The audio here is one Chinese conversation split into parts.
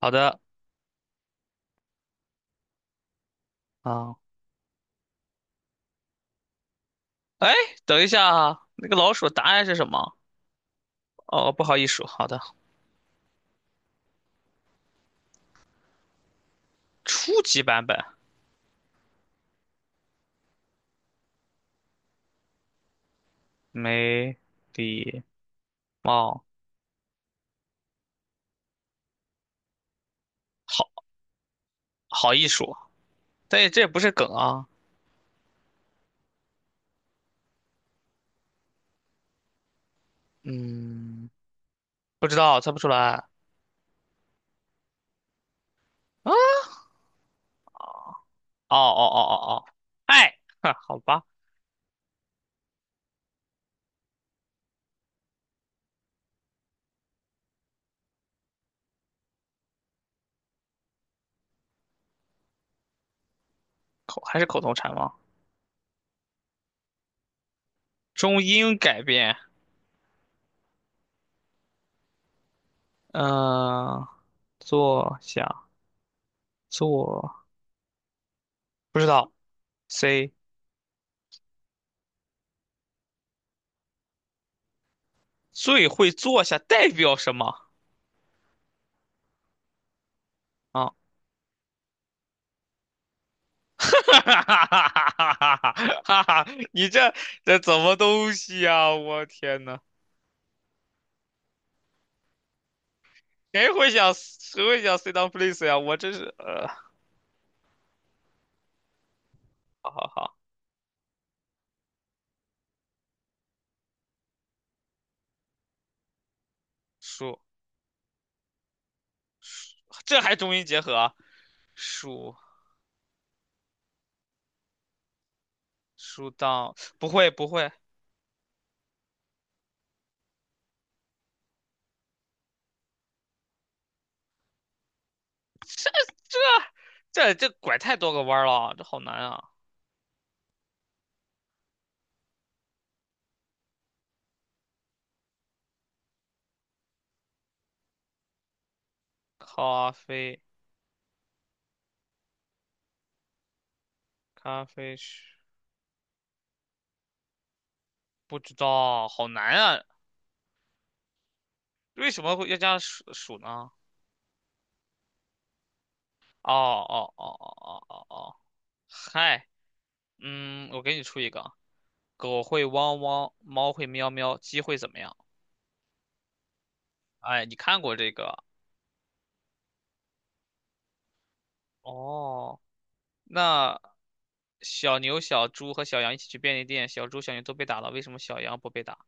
好的，啊，哎，等一下啊，那个老鼠答案是什么？哦，不好意思，好的，初级版本，没礼貌，好好艺术，但这也不是梗啊，嗯，不知道，猜不出来。啊哦哦哦哦哦，爱，哈，好吧，口还是口头禅吗？中英改编，嗯、坐下，坐，不知道，C，最会坐下代表什么？啊、哈哈哈哈哈哈！哈哈，你这怎么东西啊？我天呐，谁会想 sit down please 呀、我真是好好好，数这还中英结合啊？树树当不会，这这拐太多个弯儿了，这好难啊！咖啡咖啡是不知道，好难啊！为什么会要加数数呢？哦哦哦哦哦哦哦，嗨。嗯，我给你出一个啊，狗会汪汪，猫会喵喵，鸡会怎么样？哎，你看过这个？哦，那小牛、小猪和小羊一起去便利店，小猪、小牛都被打了，为什么小羊不被打？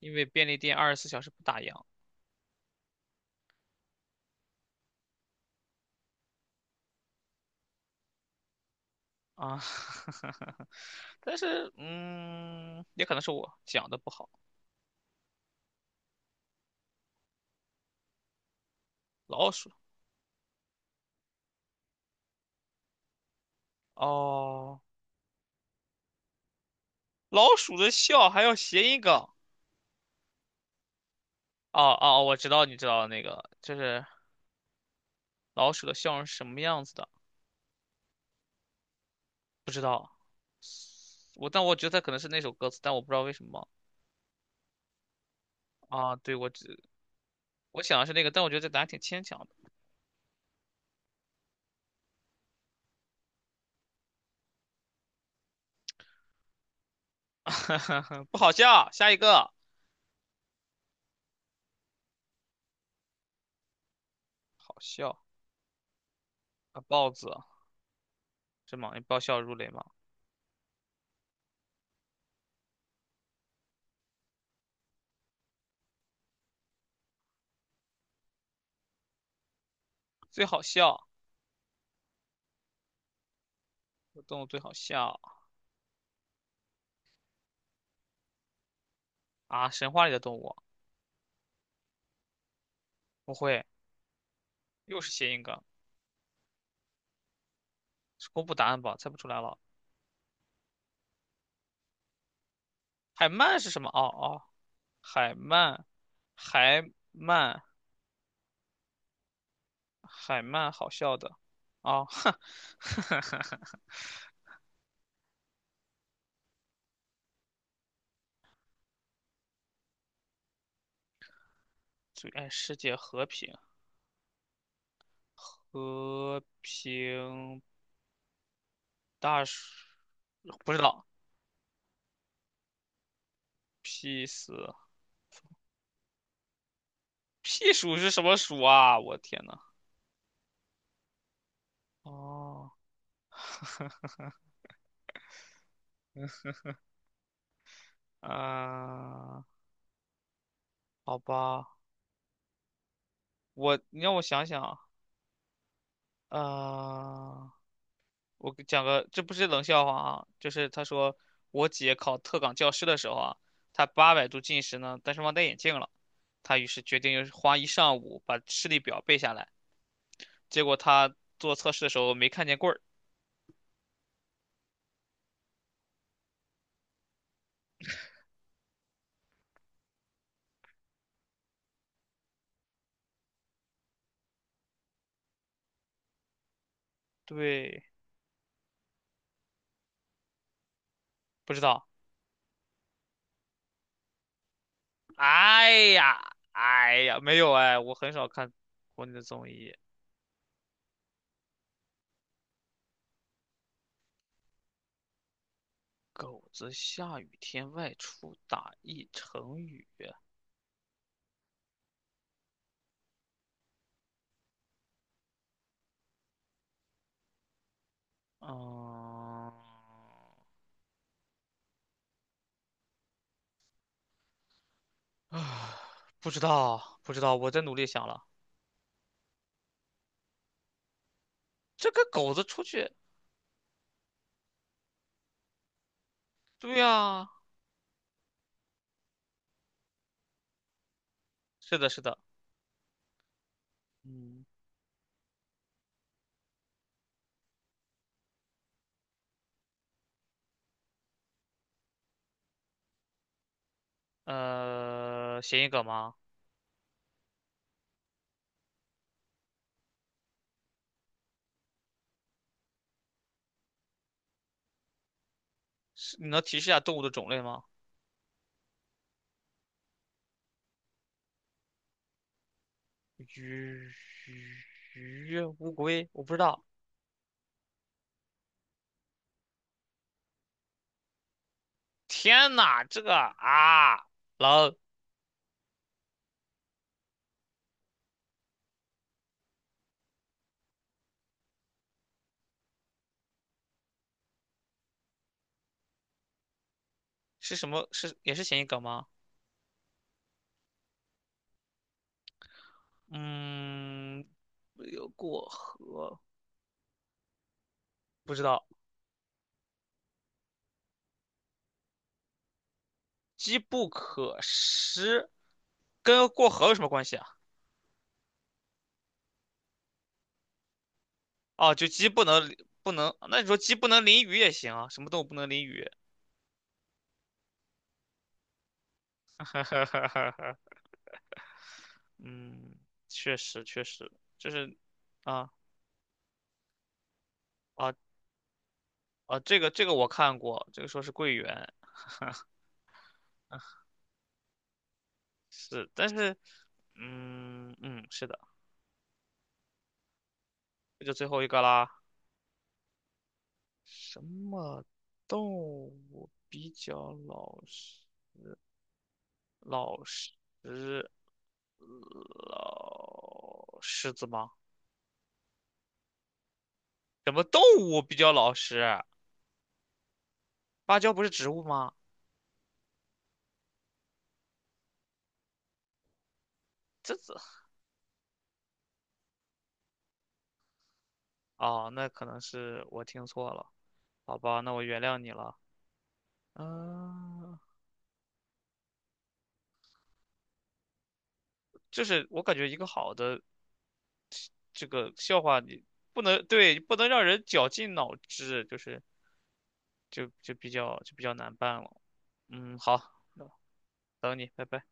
因为便利店24小时不打烊啊。但是，也可能是我讲的不好。老鼠哦，老鼠的笑还要谐音梗。哦哦，我知道，你知道那个，就是老鼠的笑容是什么样子的？不知道。但我觉得可能是那首歌词，但我不知道为什么啊。对，我想的是那个，但我觉得这答案挺牵强的，不好笑。下一个，好笑啊，豹子是吗？你爆笑如雷吗？最好笑，动物最好笑啊！神话里的动物不会，又是谐音梗，是公布答案吧？猜不出来了。海鳗是什么？哦哦，海鳗，海鳗，海鳗，好笑的啊！哼，最爱世界和平。和平大暑不知道，P 死 P 鼠是什么鼠啊？我天呐！哦，嗯、好吧，你让我想想啊，呃，我给讲个，这不是冷笑话啊，就是他说我姐考特岗教师的时候啊，她800度近视呢，但是忘戴眼镜了，她于是决定又是花一上午把视力表背下来，结果她做测试的时候没看见棍儿，对，不知道。哎呀，哎呀，没有哎，我很少看国内的综艺。狗子下雨天外出打一成语，嗯，啊，不知道，不知道，我在努力想了。这个狗子出去，对呀，是的，是的，嗯，谐音梗吗？是，你能提示一下动物的种类吗？鱼鱼鱼，乌龟，我不知道。天呐，这个啊，狼是什么？是也是谐音梗吗？嗯，没有过河，不知道。机不可失，跟过河有什么关系啊？哦，就鸡不能，那你说鸡不能淋雨也行啊？什么动物不能淋雨？哈哈哈哈哈嗯，确实确实，就是啊啊啊，这个我看过，这个说是桂圆，是，但是嗯嗯，是的，这就最后一个啦。什么动物比较老实？老实老狮子吗？什么动物比较老实？芭蕉不是植物吗？这这哦，那可能是我听错了，好吧，那我原谅你了。嗯，就是我感觉一个好的这个笑话，你不能对，不能让人绞尽脑汁，就是就比较难办了。嗯，好，那等你，拜拜。